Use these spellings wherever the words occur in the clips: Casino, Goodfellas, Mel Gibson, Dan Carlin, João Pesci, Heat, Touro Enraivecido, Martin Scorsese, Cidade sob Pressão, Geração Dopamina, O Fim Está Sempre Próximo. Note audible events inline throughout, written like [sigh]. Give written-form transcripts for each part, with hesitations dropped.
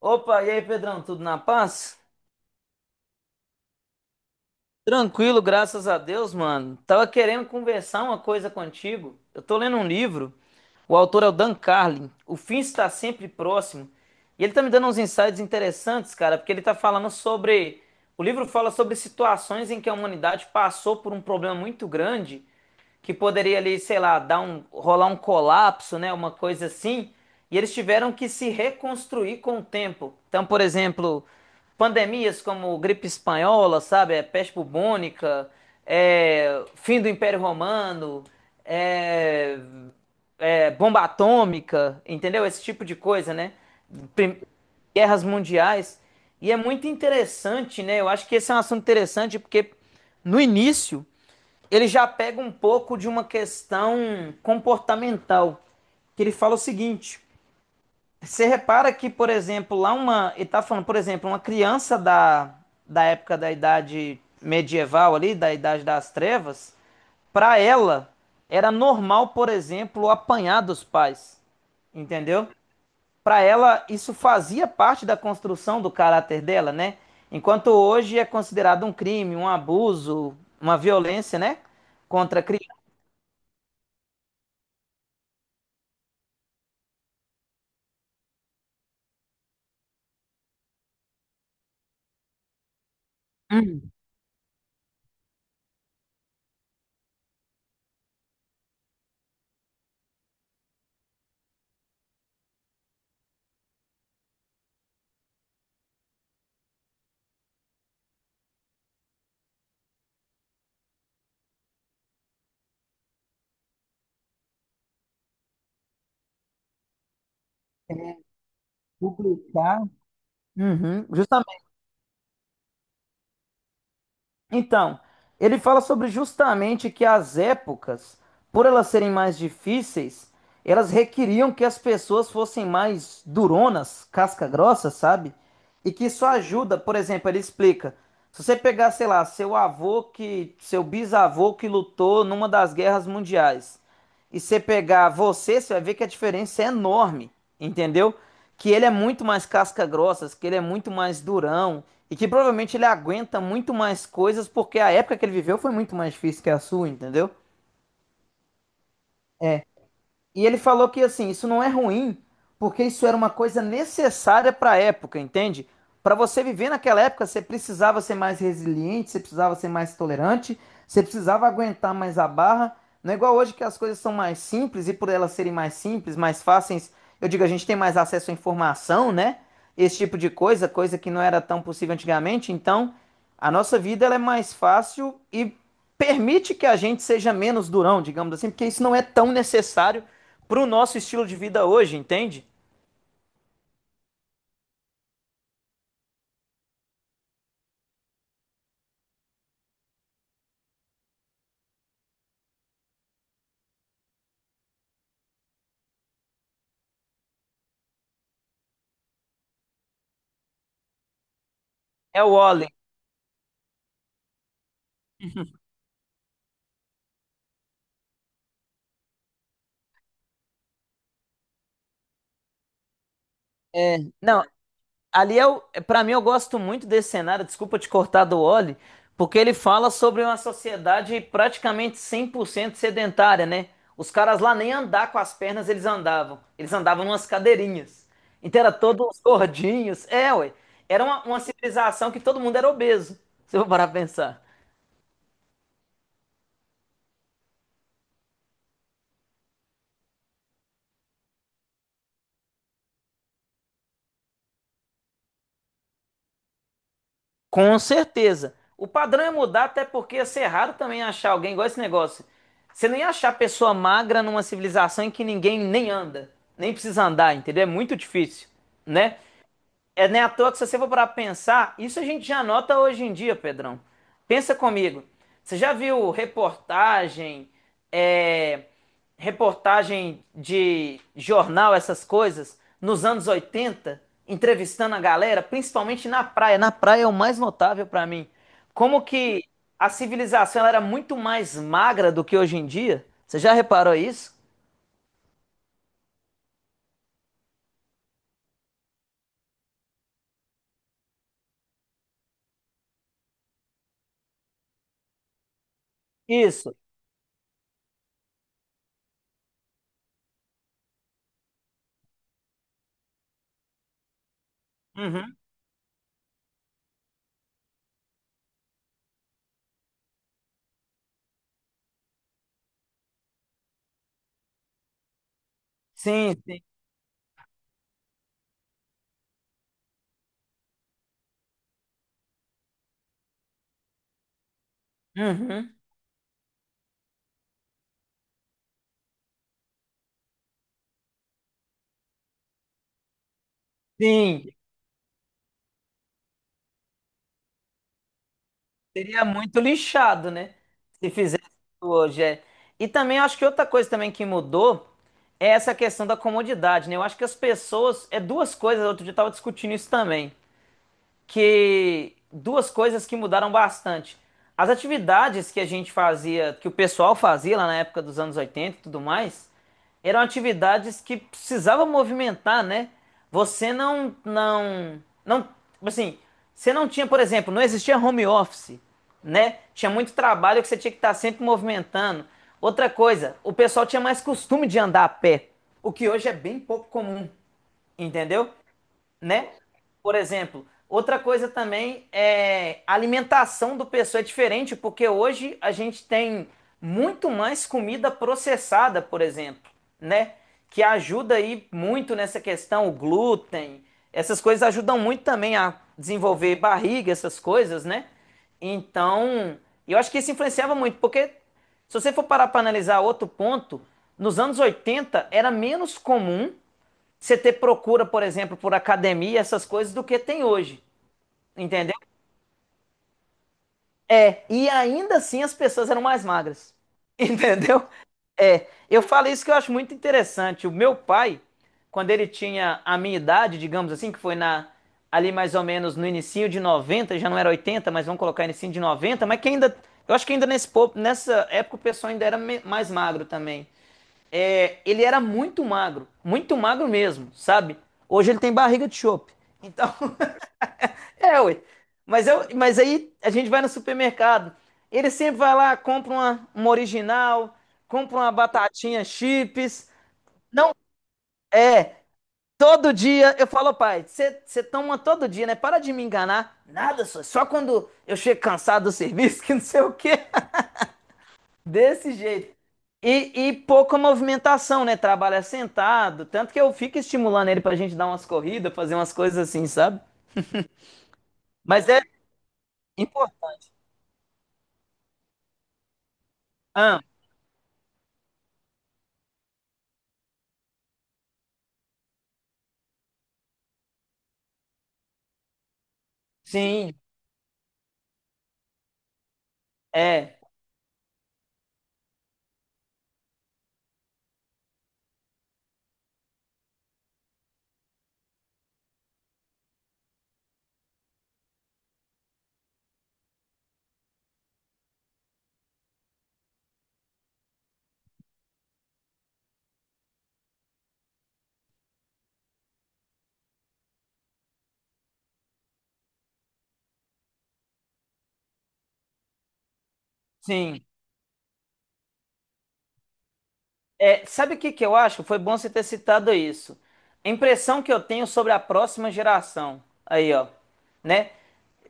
Opa, e aí, Pedrão, tudo na paz? Tranquilo, graças a Deus, mano. Tava querendo conversar uma coisa contigo. Eu tô lendo um livro, o autor é o Dan Carlin, O Fim Está Sempre Próximo. E ele tá me dando uns insights interessantes, cara, porque ele tá falando sobre. O livro fala sobre situações em que a humanidade passou por um problema muito grande que poderia ali, sei lá, rolar um colapso, né, uma coisa assim, e eles tiveram que se reconstruir com o tempo. Então, por exemplo, pandemias como gripe espanhola, sabe, peste bubônica, fim do Império Romano, é, bomba atômica, entendeu? Esse tipo de coisa, né? Prim- Guerras mundiais. E é muito interessante, né? Eu acho que esse é um assunto interessante porque no início ele já pega um pouco de uma questão comportamental, que ele fala o seguinte: você repara que, por exemplo, lá uma. Ele está falando, por exemplo, uma criança da época da idade medieval ali, da idade das trevas, para ela era normal, por exemplo, apanhar dos pais. Entendeu? Para ela, isso fazia parte da construção do caráter dela, né? Enquanto hoje é considerado um crime, um abuso, uma violência, né? Contra a criança. Hum. Publicar. Uhum. Então, ele fala sobre justamente que as épocas, por elas serem mais difíceis, elas requeriam que as pessoas fossem mais duronas, casca grossa, sabe? E que isso ajuda, por exemplo, ele explica. Se você pegar, sei lá, seu bisavô que lutou numa das guerras mundiais, e você você vai ver que a diferença é enorme, entendeu? Que ele é muito mais casca grossa, que ele é muito mais durão. E que provavelmente ele aguenta muito mais coisas porque a época que ele viveu foi muito mais difícil que a sua, entendeu? E ele falou que assim, isso não é ruim, porque isso era uma coisa necessária para a época, entende? Para você viver naquela época, você precisava ser mais resiliente, você precisava ser mais tolerante, você precisava aguentar mais a barra. Não é igual hoje que as coisas são mais simples e por elas serem mais simples, mais fáceis, eu digo, a gente tem mais acesso à informação, né? Esse tipo de coisa, coisa que não era tão possível antigamente. Então, a nossa vida ela é mais fácil e permite que a gente seja menos durão, digamos assim, porque isso não é tão necessário para o nosso estilo de vida hoje, entende? É o Oli. Não, ali é o, para mim eu gosto muito desse cenário, desculpa te cortar do Oli, porque ele fala sobre uma sociedade praticamente 100% sedentária, né? Os caras lá nem andar com as pernas eles andavam numas cadeirinhas. Então era todos gordinhos, ué. Era uma civilização que todo mundo era obeso, se eu parar pra pensar. Com certeza. O padrão é mudar, até porque ia ser raro também achar alguém igual esse negócio. Você não ia achar pessoa magra numa civilização em que ninguém nem anda, nem precisa andar, entendeu? É muito difícil, né? É nem à toa que se você for para pensar, isso a gente já nota hoje em dia, Pedrão. Pensa comigo. Você já viu reportagem, é, reportagem de jornal, essas coisas, nos anos 80 entrevistando a galera, principalmente na praia. Na praia é o mais notável para mim. Como que a civilização ela era muito mais magra do que hoje em dia? Você já reparou isso? Isso. Uhum. Sim, sim. Uhum. Sim. Seria muito lixado, né? Se fizesse isso hoje, é. E também eu acho que outra coisa também que mudou é essa questão da comodidade, né? Eu acho que as pessoas, é duas coisas, outro dia eu tava discutindo isso também que duas coisas que mudaram bastante. As atividades que a gente fazia, que o pessoal fazia lá na época dos anos 80 e tudo mais, eram atividades que precisava movimentar, né? Você não, não, não, assim, você não tinha, por exemplo, não existia home office, né? Tinha muito trabalho que você tinha que estar sempre movimentando. Outra coisa, o pessoal tinha mais costume de andar a pé, o que hoje é bem pouco comum, entendeu? Né? Por exemplo, outra coisa também é a alimentação do pessoal é diferente, porque hoje a gente tem muito mais comida processada, por exemplo, né? Que ajuda aí muito nessa questão, o glúten, essas coisas ajudam muito também a desenvolver barriga, essas coisas, né? Então, eu acho que isso influenciava muito, porque se você for parar para analisar outro ponto, nos anos 80 era menos comum você ter procura, por exemplo, por academia, essas coisas, do que tem hoje. Entendeu? É. E ainda assim as pessoas eram mais magras. [laughs] Entendeu? É. Eu falo isso que eu acho muito interessante. O meu pai, quando ele tinha a minha idade, digamos assim, que foi na ali mais ou menos no início de 90, já não era 80, mas vamos colocar início de 90. Mas que ainda, eu acho que ainda nessa época o pessoal ainda era mais magro também, é, ele era muito magro mesmo, sabe? Hoje ele tem barriga de chope. Então, [laughs] é, ué. Mas aí a gente vai no supermercado. Ele sempre vai lá, compra uma original, compra uma batatinha chips. Não, é. Todo dia eu falo, pai, você toma todo dia, né? Para de me enganar. Nada, só quando eu chego cansado do serviço, [laughs] que não sei o quê. Desse jeito. E pouca movimentação, né? Trabalha sentado. Tanto que eu fico estimulando ele pra gente dar umas corridas, fazer umas coisas assim, sabe? Mas é importante. Ah, sim, é, sim. É, sabe o que que eu acho? Foi bom você ter citado isso. A impressão que eu tenho sobre a próxima geração. Aí, ó. Né?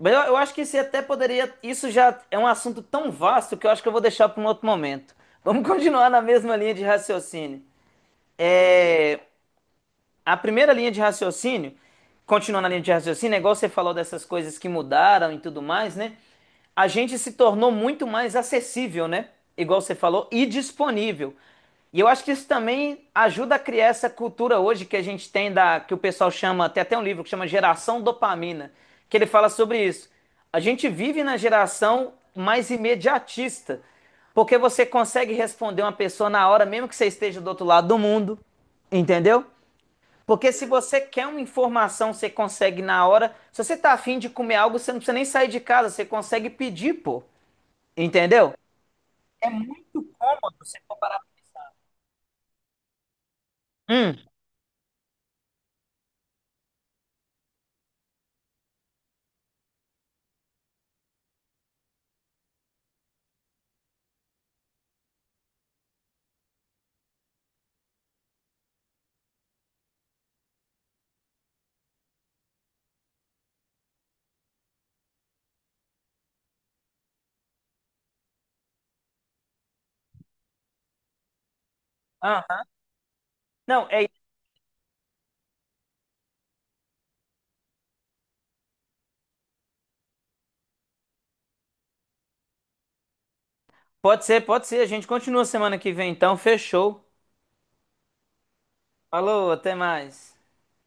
Eu acho que isso até poderia. Isso já é um assunto tão vasto que eu acho que eu vou deixar para um outro momento. Vamos [laughs] continuar na mesma linha de raciocínio. É, a primeira linha de raciocínio, continuando a linha de raciocínio, é igual você falou dessas coisas que mudaram e tudo mais, né? A gente se tornou muito mais acessível, né? Igual você falou, e disponível. E eu acho que isso também ajuda a criar essa cultura hoje que a gente tem da que o pessoal chama, tem até um livro que chama Geração Dopamina, que ele fala sobre isso. A gente vive na geração mais imediatista, porque você consegue responder uma pessoa na hora, mesmo que você esteja do outro lado do mundo, entendeu? Porque se você quer uma informação, você consegue na hora. Se você tá afim de comer algo, você não precisa nem sair de casa, você consegue pedir, pô. Entendeu? Muito cômodo você comparar. Hum. Aham. Não, é. Pode ser, pode ser. A gente continua semana que vem, então. Fechou. Falou, até mais.